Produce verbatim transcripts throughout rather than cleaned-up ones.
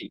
い。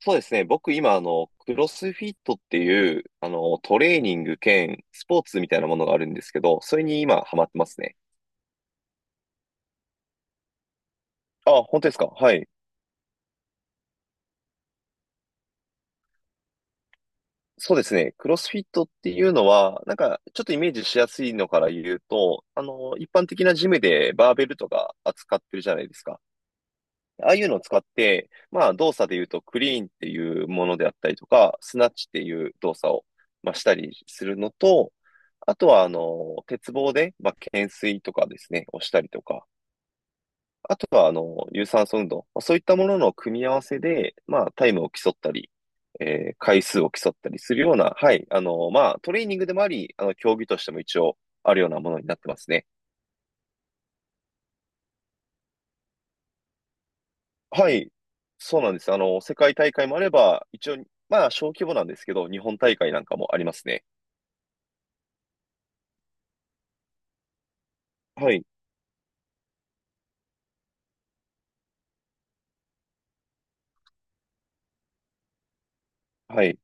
そうですね。僕今、あの、クロスフィットっていう、あの、トレーニング兼スポーツみたいなものがあるんですけど、それに今ハマってますね。あ、本当ですか？はい。そうですね。クロスフィットっていうのは、なんか、ちょっとイメージしやすいのから言うと、あの、一般的なジムでバーベルとか扱ってるじゃないですか。ああいうのを使って、まあ動作で言うとクリーンっていうものであったりとか、スナッチっていう動作を、まあ、したりするのと、あとはあの、鉄棒で、まあ、懸垂とかですね、をしたりとか、あとはあの、有酸素運動、まあそういったものの組み合わせで、まあタイムを競ったり、えー回数を競ったりするような、はい、あの、まあトレーニングでもあり、あの、競技としても一応あるようなものになってますね。はい、そうなんです。あの、世界大会もあれば、一応、まあ、小規模なんですけど、日本大会なんかもありますね。はい、はい。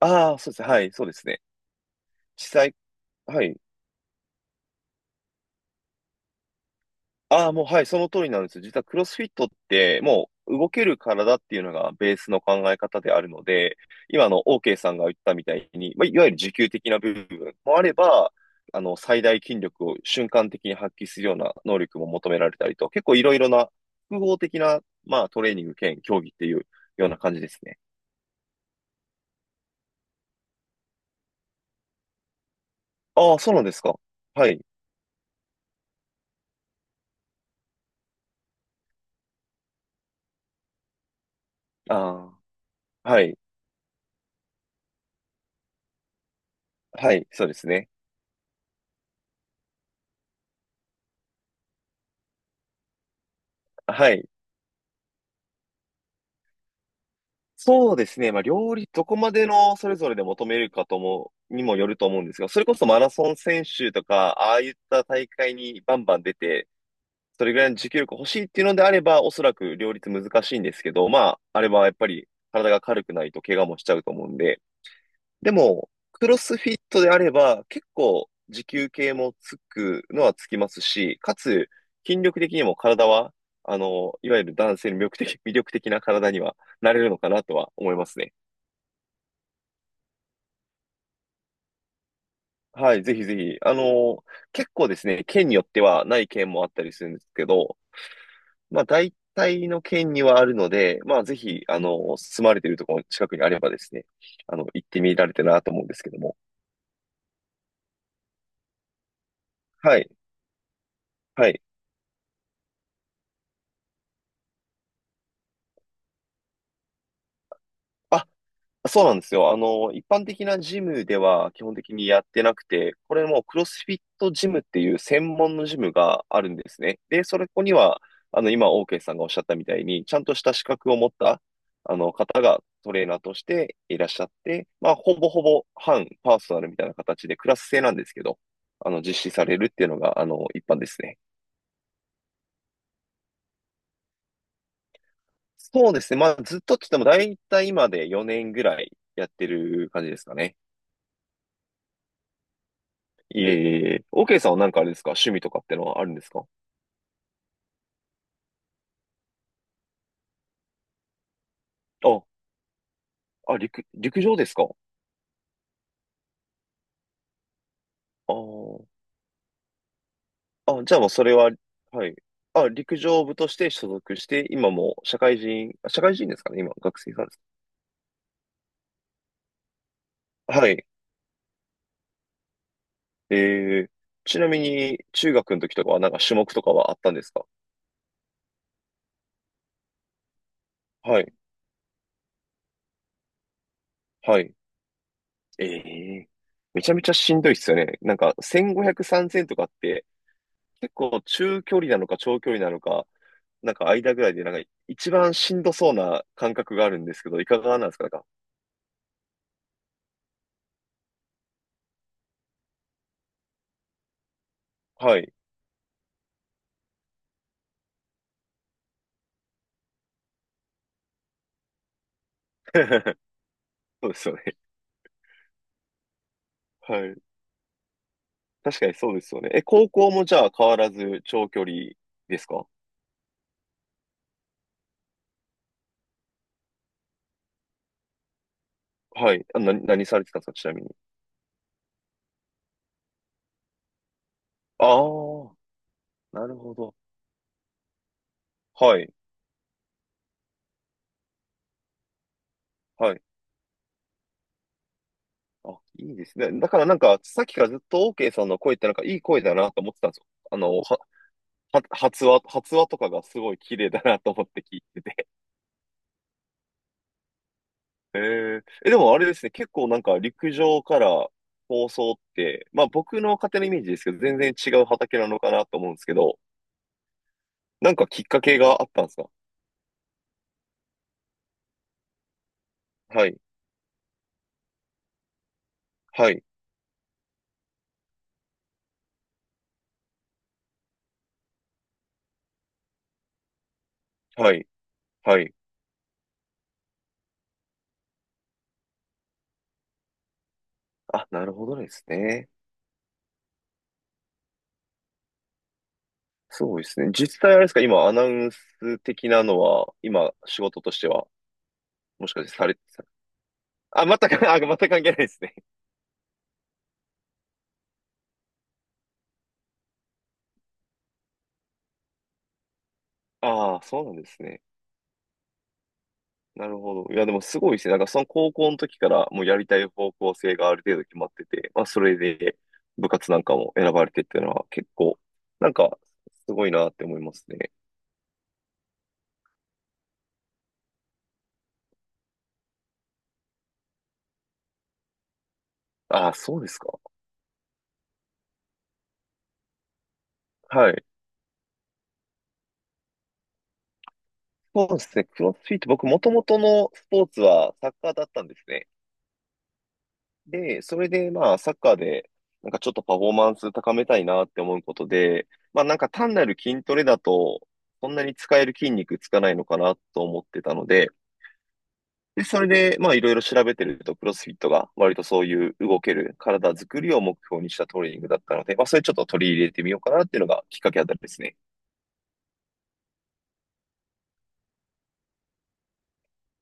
ああ、そうですね。はい、そうですね。実際、はい。ああ、もうはい、その通りなんです。実はクロスフィットって、もう動ける体っていうのがベースの考え方であるので、今あの OK さんが言ったみたいに、まあ、いわゆる持久的な部分もあれば、あの、最大筋力を瞬間的に発揮するような能力も求められたりと、結構いろいろな複合的な、まあ、トレーニング兼競技っていうような感じですね。ああ、そうなんですか。はい。ああ、はい。はい、そうですね。はい。そうですね。まあ、料理、どこまでのそれぞれで求めるかとも、にもよると思うんですが、それこそマラソン選手とか、ああいった大会にバンバン出て、それぐらいの持久力欲しいっていうのであれば、おそらく両立難しいんですけど、まあ、あれはやっぱり体が軽くないと怪我もしちゃうと思うんで、でも、クロスフィットであれば、結構持久系もつくのはつきますし、かつ、筋力的にも体は、あの、いわゆる男性の魅力的、魅力的な体にはなれるのかなとは思いますね。はい、ぜひぜひ。あの、結構ですね、県によってはない県もあったりするんですけど、まあ大体の県にはあるので、まあぜひ、あの、住まれているところの近くにあればですね、あの、行ってみられたらなと思うんですけども。はい、はい。あ、そうなんですよ。あの、一般的なジムでは基本的にやってなくて、これもクロスフィットジムっていう専門のジムがあるんですね。で、それここには、あの、今、オーケーさんがおっしゃったみたいに、ちゃんとした資格を持った、あの、方がトレーナーとしていらっしゃって、まあ、ほぼほぼ半パーソナルみたいな形でクラス制なんですけど、あの、実施されるっていうのが、あの、一般ですね。そうですね。まあ、ずっとって言っても、だいたい今でよねんぐらいやってる感じですかね。いえいえいえ。OK さんはなんかあれですか？趣味とかってのはあるんですか？あ、あ、陸、陸上ですか？ああ、あ、じゃあもうそれは、はい。あ、陸上部として所属して、今もう社会人、あ社会人ですかね今、学生さんですか？はい。えー、ちなみに、中学の時とかはなんか種目とかはあったんですか？はい。はい。ええ、めちゃめちゃしんどいっすよね。なんか、せんごひゃく、さんぜんとかって、結構中距離なのか長距離なのか、なんか間ぐらいで、なんか一番しんどそうな感覚があるんですけど、いかがなんですかなんか。はい。そうですよね。はい。確かにそうですよね。え、高校もじゃあ変わらず長距離ですか？はい。あ、な、何されてたんですかちなみに。ああ、なるほど。はい。はい。あ、いいですね。だからなんか、さっきからずっと OK さんの声ってなんかいい声だなと思ってたんですよ。あの、は、は、発話、発話とかがすごい綺麗だなと思って聞いてて。えー、え、でもあれですね、結構なんか陸上から放送って、まあ僕の勝手なイメージですけど、全然違う畑なのかなと思うんですけど、なんかきっかけがあったんですか？はい、はい、はい、はい。あ、なるほどですね。そうですね。実際あれですか、今アナウンス的なのは、今仕事としては、もしかしてされてた、あ、全く、あ、全く関係ないですね。ああ、そうなんですね。なるほど。いや、でもすごいですね。なんかその高校の時からもうやりたい方向性がある程度決まってて、まあそれで部活なんかも選ばれてっていうのは結構、なんかすごいなって思いますね。ああ、そうですか。はい。そうですね。クロスフィット、僕もともとのスポーツはサッカーだったんですね。で、それでまあサッカーでなんかちょっとパフォーマンス高めたいなって思うことで、まあなんか単なる筋トレだとそんなに使える筋肉つかないのかなと思ってたので、で、それで、まあ、いろいろ調べてると、クロスフィットが割とそういう動ける体作りを目標にしたトレーニングだったので、まあ、それちょっと取り入れてみようかなっていうのがきっかけあたりですね。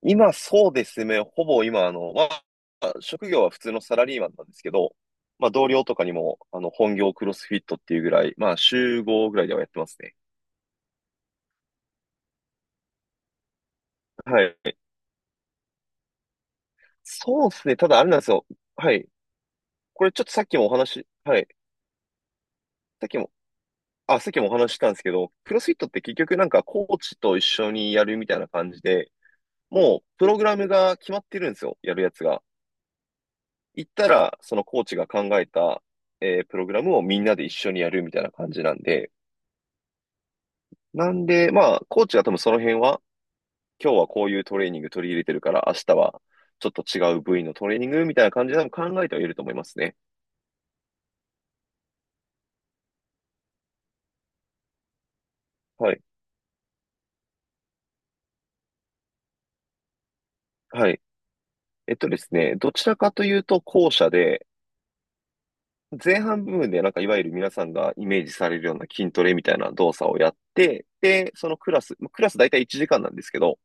今、そうですね。ほぼ今、あの、まあ、職業は普通のサラリーマンなんですけど、まあ、同僚とかにも、あの、本業クロスフィットっていうぐらい、まあ、週ごぐらいではやってますね。はい。そうですね。ただ、あれなんですよ。はい。これちょっとさっきもお話、はい。さっきもあ、さっきもお話ししたんですけど、クロスフィットって結局なんかコーチと一緒にやるみたいな感じで、もうプログラムが決まってるんですよ、やるやつが。行ったら、そのコーチが考えた、えープログラムをみんなで一緒にやるみたいな感じなんで、なんで、まあ、コーチは多分その辺は、今日はこういうトレーニング取り入れてるから、明日はちょっと違う部位のトレーニングみたいな感じで多分考えてはいると思いますね。はい。はい。えっとですね、どちらかというと後者で、前半部分でなんかいわゆる皆さんがイメージされるような筋トレみたいな動作をやって、で、そのクラス、まあクラス大体いちじかんなんですけど、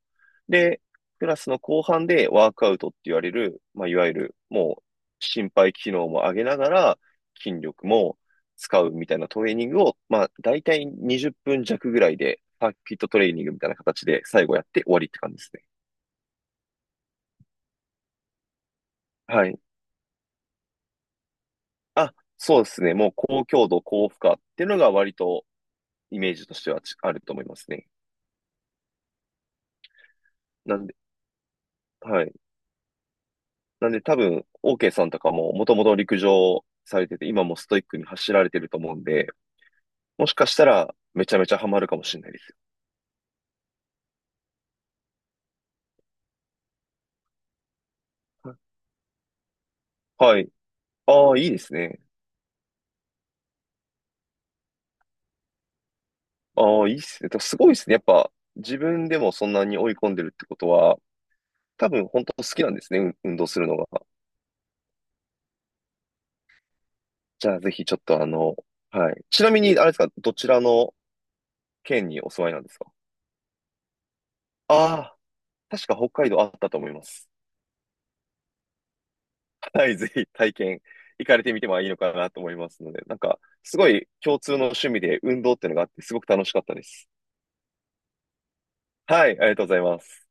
で、クラスの後半でワークアウトって言われる、まあ、いわゆるもう心肺機能も上げながら筋力も使うみたいなトレーニングを、まあ、大体にじゅっぷん弱ぐらいでサーキットトレーニングみたいな形で最後やって終わりって感じですね。はい。あ、そうですね。もう高強度、高負荷っていうのが割とイメージとしてはちあると思いますね。なんはい。なんで多分、OK さんとかももともと陸上されてて、今もストイックに走られてると思うんで、もしかしたらめちゃめちゃハマるかもしれないですよ。はい。ああ、いいですね。ああ、いいですね。とすごいですね。やっぱ自分でもそんなに追い込んでるってことは、多分本当好きなんですね。運運動するのが。じゃあぜひちょっとあの、はい。ちなみに、あれですか、どちらの県にお住まいなんですか？ああ、確か北海道あったと思います。はい、ぜひ体験、行かれてみてもいいのかなと思いますので、なんか、すごい共通の趣味で運動っていうのがあって、すごく楽しかったです。はい、ありがとうございます。